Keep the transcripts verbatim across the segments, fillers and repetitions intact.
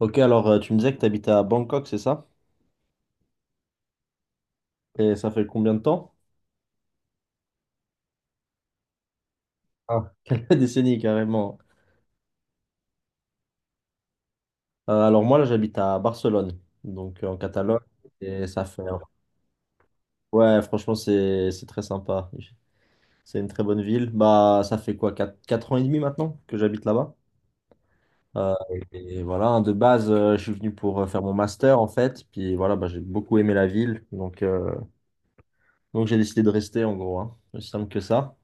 Ok, alors euh, tu me disais que tu habitais à Bangkok, c'est ça? Et ça fait combien de temps? Ah, quelques décennies carrément. Euh, alors moi, là, j'habite à Barcelone, donc euh, en Catalogne. Et ça fait... Ouais, franchement, c'est c'est très sympa. C'est une très bonne ville. Bah, ça fait quoi, quatre quatre ans et demi maintenant que j'habite là-bas? Euh, et et voilà, hein, de base, euh, je suis venu pour euh, faire mon master, en fait. Puis voilà, bah, j'ai beaucoup aimé la ville. Donc, euh, donc j'ai décidé de rester, en gros, hein. Aussi simple que ça.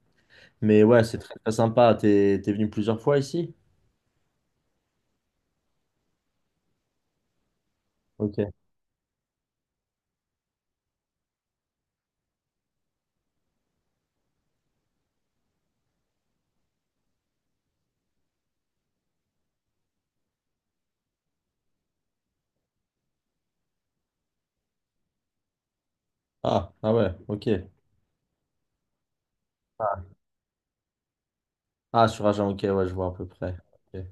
Mais ouais, c'est très, très sympa. T'es, t'es venu plusieurs fois ici? Ok. Ah, ah ouais, ok. Ah, ah, sur Agen, ok, ouais, je vois à peu près. Ok.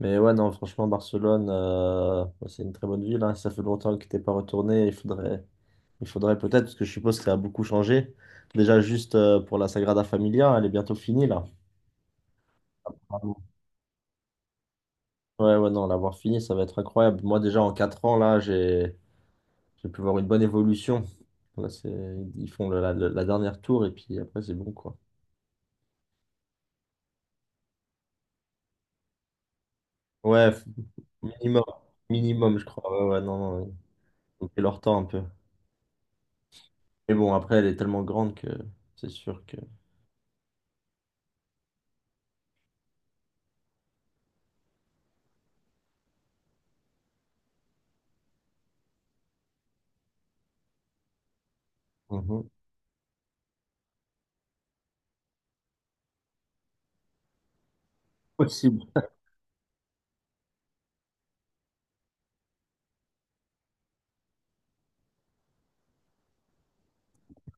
Mais ouais, non, franchement, Barcelone, euh, ouais, c'est une très bonne ville, hein. Ça fait longtemps que t'es pas retourné. Il faudrait, il faudrait peut-être, parce que je suppose que ça a beaucoup changé. Déjà, juste euh, pour la Sagrada Familia, elle est bientôt finie, là. Ah bon. Ouais, ouais, non, l'avoir finie, ça va être incroyable. Moi, déjà, en quatre ans, là, j'ai j'ai pu voir une bonne évolution. Là, c'est, ils font le- la, la dernière tour, et puis après, c'est bon, quoi. Ouais, f- minimum, minimum, je crois. Ouais, ouais, non, non. Donc, c'est leur temps un peu. Mais bon, après, elle est tellement grande que c'est sûr que. Mhm. Possible.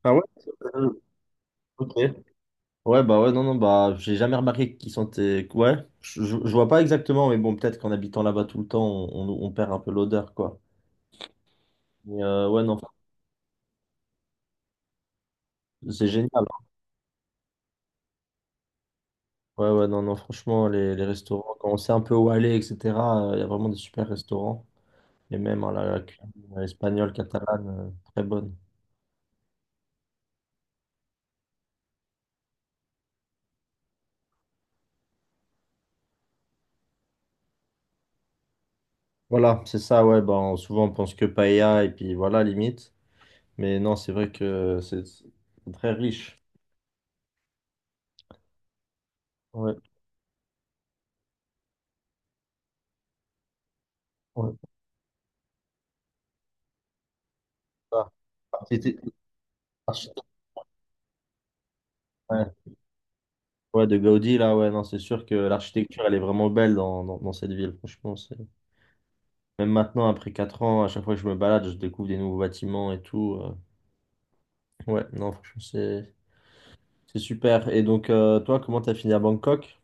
Ah ouais? Euh, ok. Ouais, bah ouais, non, non, bah, j'ai jamais remarqué qui sont tes. Ouais, je, je- je vois pas exactement, mais bon, peut-être qu'en habitant là-bas tout le temps, on, on- on perd un peu l'odeur, quoi. Mais euh, ouais, non, c'est génial, hein. Ouais, ouais, non, non, franchement, les, les restaurants, quand on sait un peu où aller, et cetera, il y a vraiment des super restaurants. Et même hein, la, la cuisine euh, espagnole, catalane, euh, très bonne. Voilà, c'est ça, ouais, ben, souvent on pense que paella, et puis voilà, limite. Mais non, c'est vrai que c'est c'est très riche. Ouais, ouais. Ah. C'était- l'architecte- ouais. Ouais, de Gaudi, là, ouais, non, c'est sûr que l'architecture, elle est vraiment belle dans, dans, dans cette ville, franchement. c'est- Même maintenant, après quatre ans, à chaque fois que je me balade, je découvre des nouveaux bâtiments et tout, euh. Ouais, non, franchement, c'est c'est super. Et donc, euh, toi, comment t'as fini à Bangkok?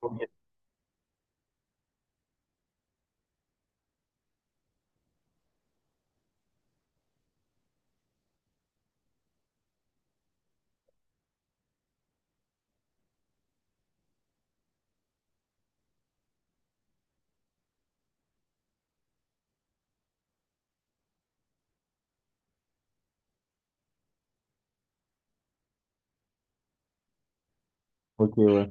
Ok. Ok, ouais.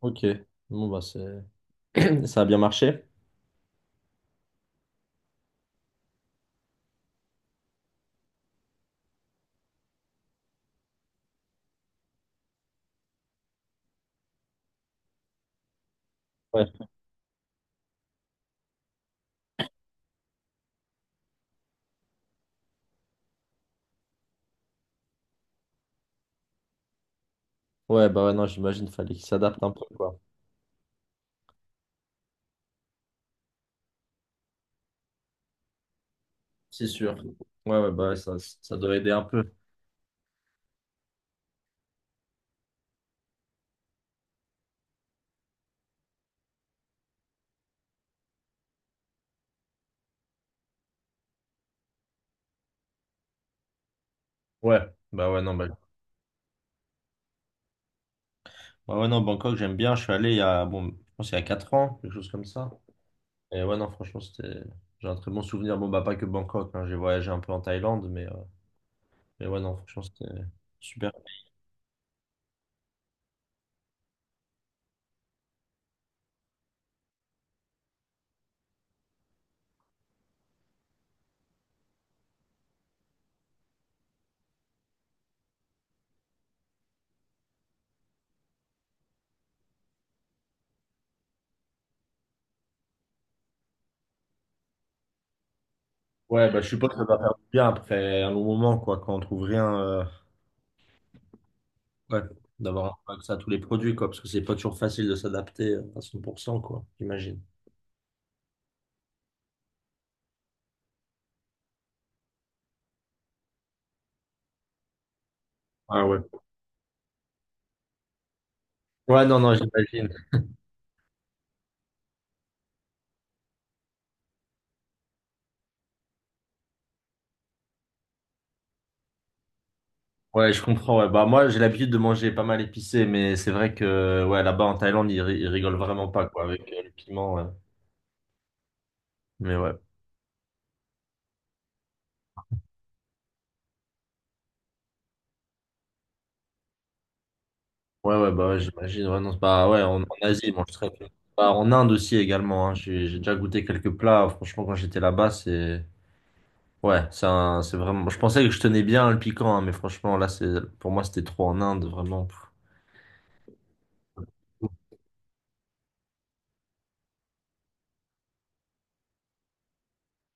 Ok. Bon, bah, c'est... Ça a bien marché? Ouais. Ouais, bah, ouais, non, j'imagine, fallait qu'il s'adapte un peu, quoi. C'est sûr. Ouais, ouais, bah, ouais, ça, ça doit aider un peu. Ouais, bah ouais, non, bah, ouais, ouais, non, Bangkok, j'aime bien. Je suis allé il y a, bon, je pense il y a quatre ans, quelque chose comme ça. Et ouais, non, franchement, c'était, j'ai un très bon souvenir. Bon, bah, pas que Bangkok, hein. J'ai voyagé un peu en Thaïlande, mais, euh, mais ouais, non, franchement, c'était super. Ouais, bah, je suppose que ça va faire du bien après un long moment, quoi, quand on trouve rien, euh, ouais, d'avoir un accès à tous les produits, quoi, parce que c'est pas toujours facile de s'adapter euh, à cent pour cent, quoi, j'imagine. Ah ouais. Ouais, non, non, j'imagine. Ouais, je comprends. Ouais. Bah, moi, j'ai l'habitude de manger pas mal épicé, mais c'est vrai que ouais, là-bas en Thaïlande, ils, ri- ils rigolent vraiment pas quoi, avec euh, le piment, ouais. Mais ouais. Ouais, ouais, bah ouais, j'imagine. Ouais, non, c'est pas... ouais, en, en Asie, ils mangent très peu. Bah, en Inde aussi également, hein. J'ai j'ai déjà goûté quelques plats. Franchement, quand j'étais là-bas, c'est. Ouais, c'est un- c'est vraiment. Je pensais que je tenais bien le piquant, hein, mais franchement, là, c'est pour moi, c'était trop en Inde, vraiment.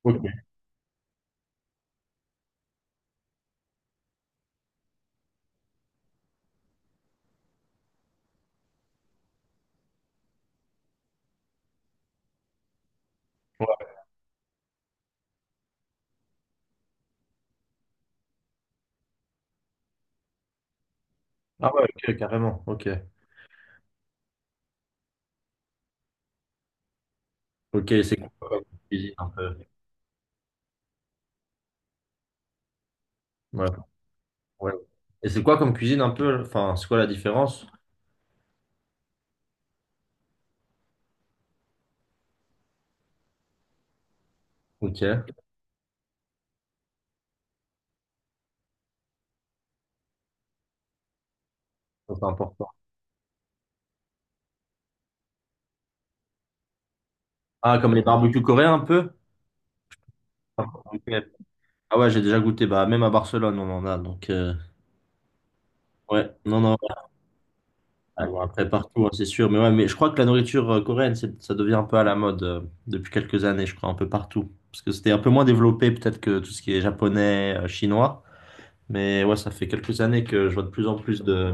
Ok. Ouais. Ah ouais, ok, carrément. Ok. Ok, c'est quoi comme cuisine un peu? Ouais. Ouais. Et c'est quoi comme cuisine un peu? Enfin, c'est quoi la différence? Ok, ça, c'est important. Ah, comme les barbecues coréens un peu? Ah ok. Ah ouais, j'ai déjà goûté. Bah, même à Barcelone, on en a. Donc, euh, ouais, non, non. Ah, bon, après, partout, hein, c'est sûr. Mais ouais, mais je crois que la nourriture euh, coréenne, c'est- ça devient un peu à la mode euh, depuis quelques années, je crois, un peu partout. Parce que c'était un peu moins développé, peut-être, que tout ce qui est japonais, euh, chinois. Mais ouais, ça fait quelques années que je vois de plus en plus de,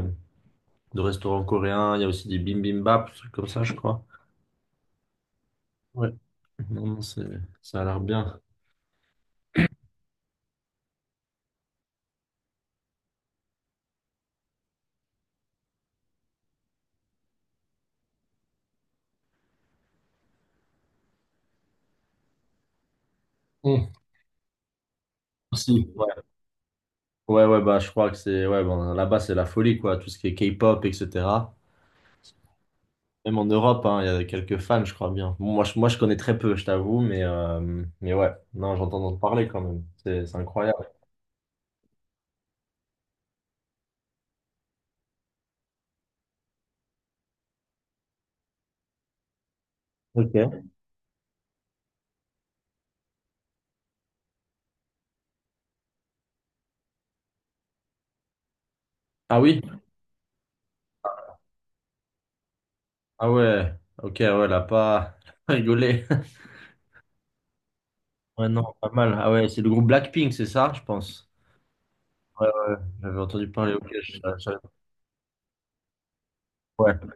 de restaurants coréens. Il y a aussi des bibimbap, des trucs comme ça, je crois. Ouais. Non, non, c'est, ça a l'air bien. Hum, Merci. Ouais, ouais, ouais, bah, je crois que c'est, ouais, bon, là-bas, c'est la folie, quoi, tout ce qui est K-pop, et cetera. Même en Europe, hein, il y a quelques fans, je crois bien. Bon, moi, je, moi, je connais très peu, je t'avoue, mais, euh, mais ouais, non, j'entends en parler quand même. C'est, c'est incroyable. Ok. Ah oui? Ah ouais, ok, ouais, là, pas rigolé. Ouais, non, pas mal. Ah ouais, c'est le groupe Blackpink, c'est ça, je pense. Ouais, ouais, j'avais entendu parler, ok, je- je- ouais.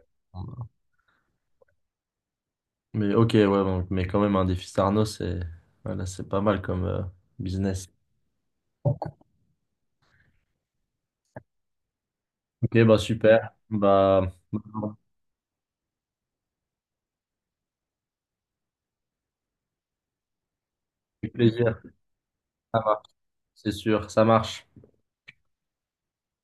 Mais ok, ouais, donc- mais quand même, un défi Starno, c'est voilà, c'est pas mal comme euh, business. Ok, bah super. Bah, avec plaisir. Ça marche, c'est sûr, ça marche.